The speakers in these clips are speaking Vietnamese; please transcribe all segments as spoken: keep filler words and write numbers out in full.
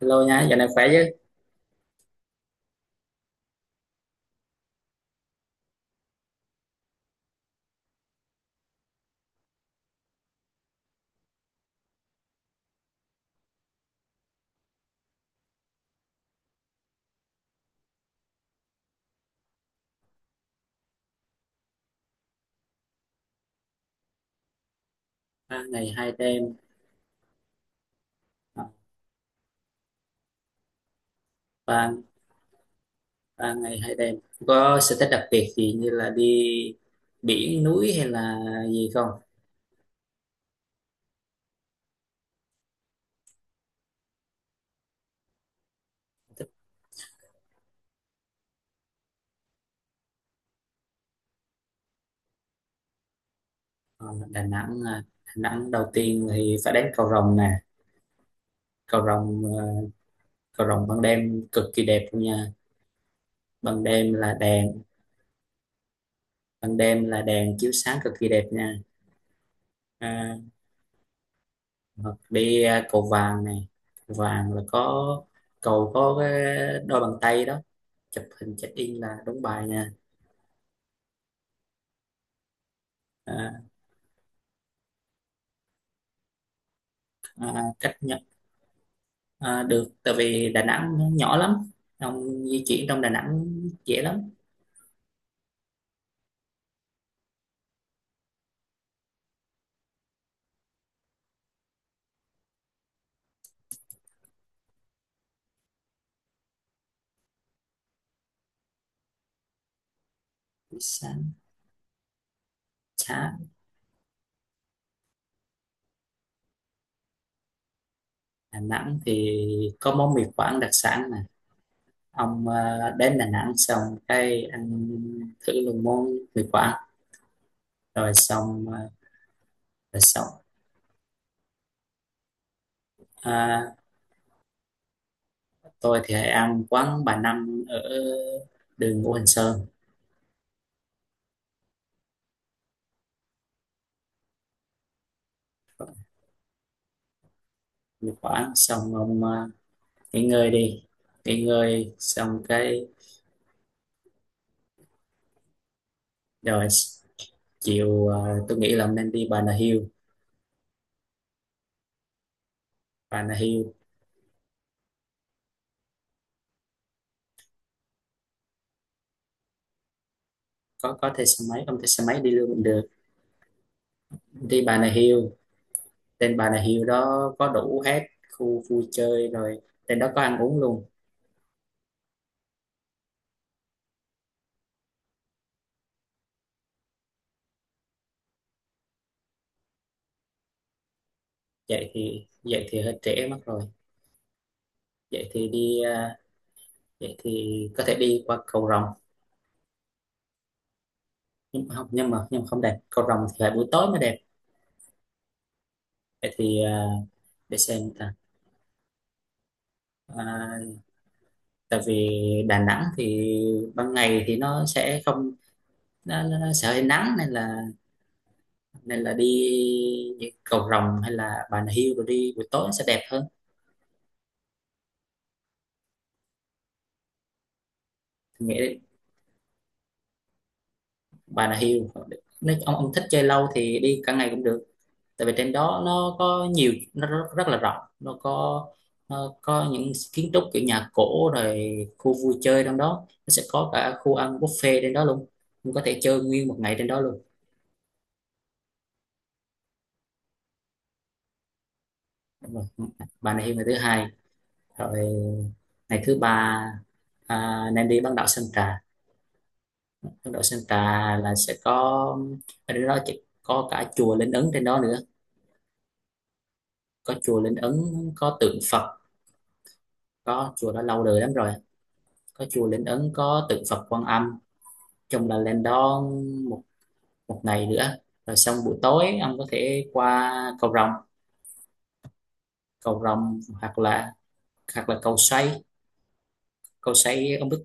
Hello nhá, giờ này khỏe chứ? Ba ngày hai đêm, à, ba ba ngày hai đêm. Có sở thích đặc biệt gì như là đi biển núi hay là gì không? Ờ, Đà Nẵng, à, Đà Nẵng đầu tiên thì phải đến cầu Rồng nè. Cầu Rồng, ờ, cầu Rồng ban đêm cực kỳ đẹp luôn nha. Ban đêm là đèn, ban đêm là đèn chiếu sáng cực kỳ đẹp nha. À, hoặc đi à, cầu Vàng này, cầu Vàng là có cầu có cái đôi bàn tay đó, chụp hình check in là đúng bài nha. À, à, cách nhận à, được tại vì Đà Nẵng nó nhỏ lắm, ông di chuyển trong Đà Nẵng dễ lắm. Sáng sáng Đà Nẵng thì có món mì Quảng đặc sản nè ông, à, đến Đà Nẵng xong cái ăn thử luôn món mì Quảng rồi xong, à, rồi xong, à, tôi thì hay ăn quán bà Năm ở đường Ngũ Hành Sơn. Mì Quảng xong ông, à, nghỉ ngơi đi, nghỉ ngơi xong cái rồi chiều à, tôi nghĩ là ông nên đi Bà Nà Hills. Bà Nà Hills có có thuê xe máy không thuê xe máy đi luôn cũng được. Đi Bà Nà Hills trên Bà Nà Hills đó có đủ hết khu vui chơi rồi, trên đó có ăn uống luôn. Vậy thì vậy thì hơi trễ mất rồi, vậy thì đi à, vậy thì có thể đi qua cầu Rồng, nhưng mà không nhưng mà nhưng mà không đẹp, cầu Rồng thì phải buổi tối mới đẹp. Vậy thì à, để xem ta, à, tại vì Đà Nẵng thì ban ngày thì nó sẽ không, nó, nó nó sẽ hơi nắng nên là, nên là đi những cầu rồng hay là Bà Nà Hills rồi đi buổi tối nó sẽ đẹp hơn. Thì nghĩ Bà Nà Hills, nếu ông ông thích chơi lâu thì đi cả ngày cũng được, tại vì trên đó nó có nhiều, nó rất, rất là rộng, nó có, nó có những kiến trúc kiểu nhà cổ rồi khu vui chơi, trong đó nó sẽ có cả khu ăn buffet trên đó luôn, mình có thể chơi nguyên một ngày trên đó luôn. Đúng rồi. Bà Nà Hills ngày thứ hai, rồi ngày thứ ba à, nên đi bán đảo Sơn Trà. Ấn Độ Santa là sẽ có, ở đó chỉ có cả chùa Linh Ứng trên đó nữa, có chùa Linh Ứng có tượng Phật, có chùa đó lâu đời lắm rồi, có chùa Linh Ứng có tượng Phật Quan Âm. Chung là lên đó một, một ngày nữa, rồi xong buổi tối ông có thể qua cầu Rồng, cầu Rồng hoặc là, hoặc là cầu Xoay. Cầu Xoay ông biết,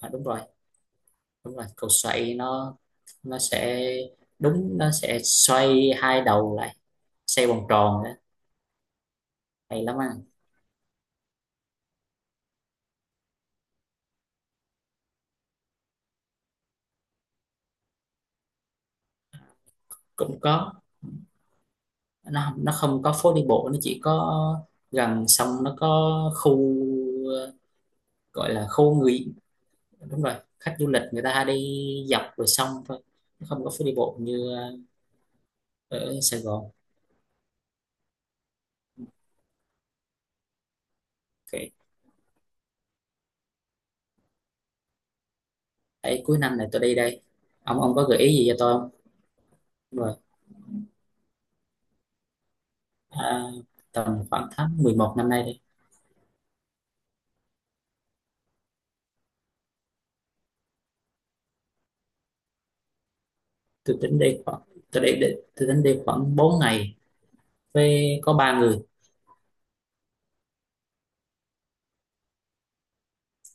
à, đúng rồi, đúng rồi, cầu Xoay nó nó sẽ, đúng, nó sẽ xoay hai đầu lại, xoay vòng tròn đó, hay lắm anh. Cũng có, nó nó không có phố đi bộ, nó chỉ có gần sông, nó có khu ờ, gọi là khu người, đúng rồi, khách du lịch người ta hay đi dọc bờ sông thôi, nó không có phố đi bộ như ờ, ở Sài Gòn. Ok. Đấy, cuối năm này tôi đi đây, ông ông có gợi ý gì cho tôi không? Đúng rồi. À, tầm khoảng tháng mười một năm nay đi. Tôi tính đi khoảng, tôi đi, đi, tôi tính đi khoảng bốn ngày với có ba người.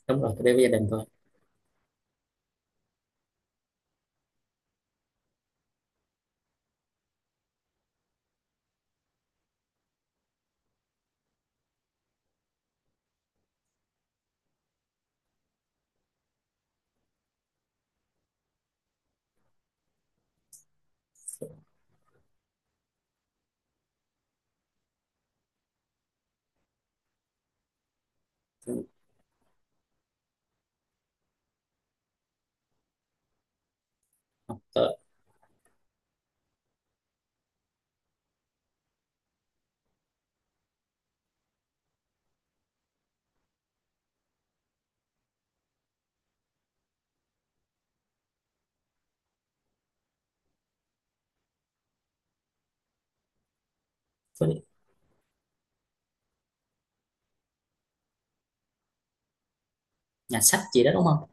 Đúng rồi, tôi đi với gia đình thôi. Tôi, với nhà sách gì đó đúng không?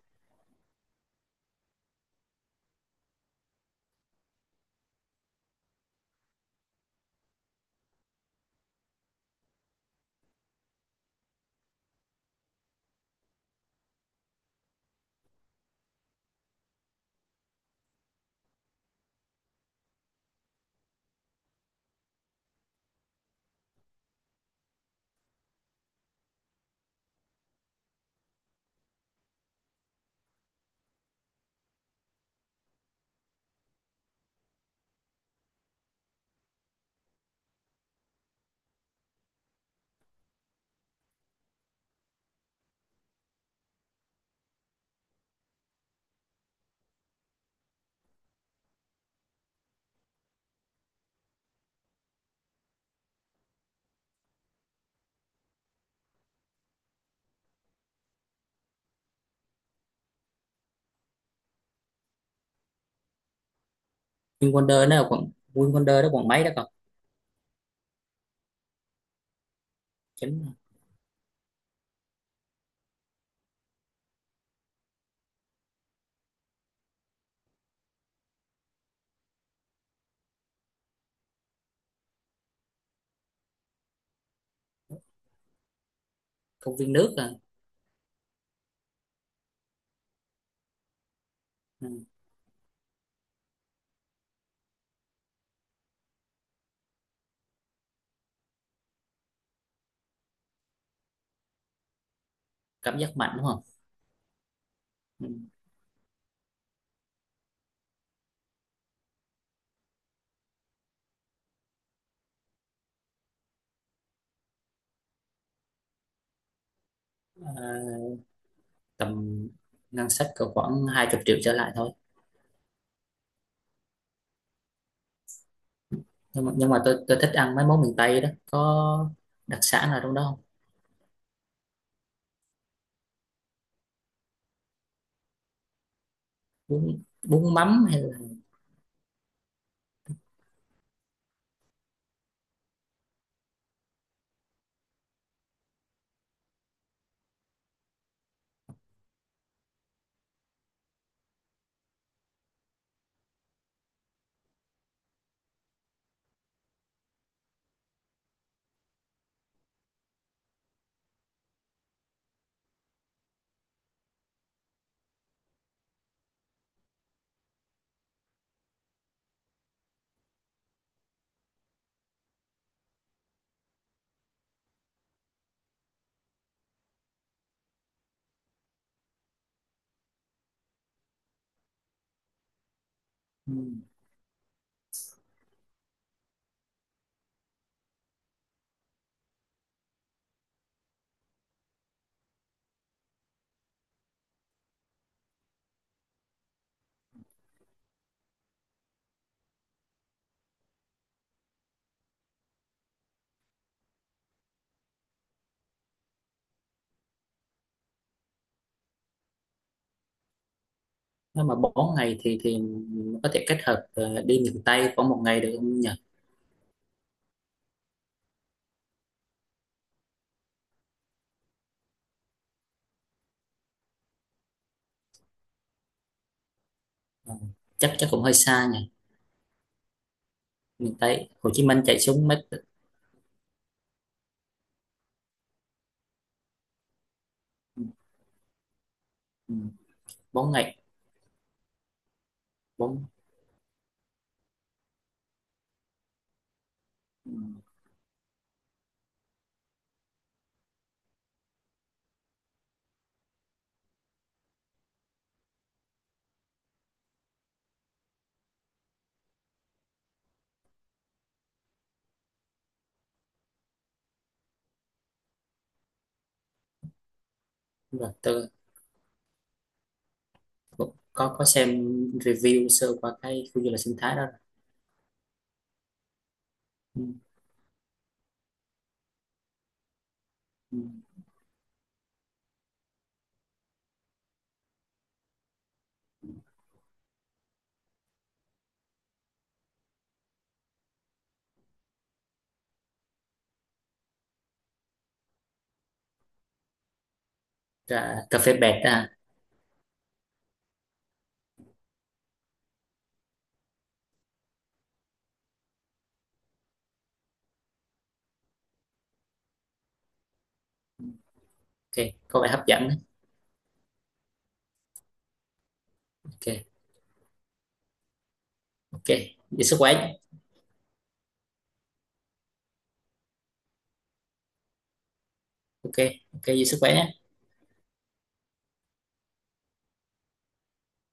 Vinwonder nó là quận, Vinwonder đó quận mấy đó cậu? Chính công viên nước à. Ừ, cảm giác mạnh đúng không? Ừ. À, tầm ngân sách cỡ khoảng hai mươi triệu trở lại thôi. Nhưng mà, nhưng mà tôi tôi thích ăn mấy món miền Tây đó, có đặc sản nào trong đó không? Bún bún mắm hay là ừ. Nếu mà bốn ngày thì thì mình có thể kết hợp ờ, đi miền Tây khoảng một ngày được không nhỉ? Ờ, chắc chắc cũng hơi xa nhỉ, miền Tây Hồ Chí Minh chạy xuống mấy, ừ, ừ, bốn ngày, bốn, ừ, đúng rồi, tôi cũng có có xem review sơ qua cái khu du lịch sinh thái đó. Ừ, ừ. Cà, cà phê bẹt à? Ok, có vẻ hấp dẫn đấy. Ok. Ok, giữ sức khỏe. Ok. Ok, giữ sức khỏe nhé.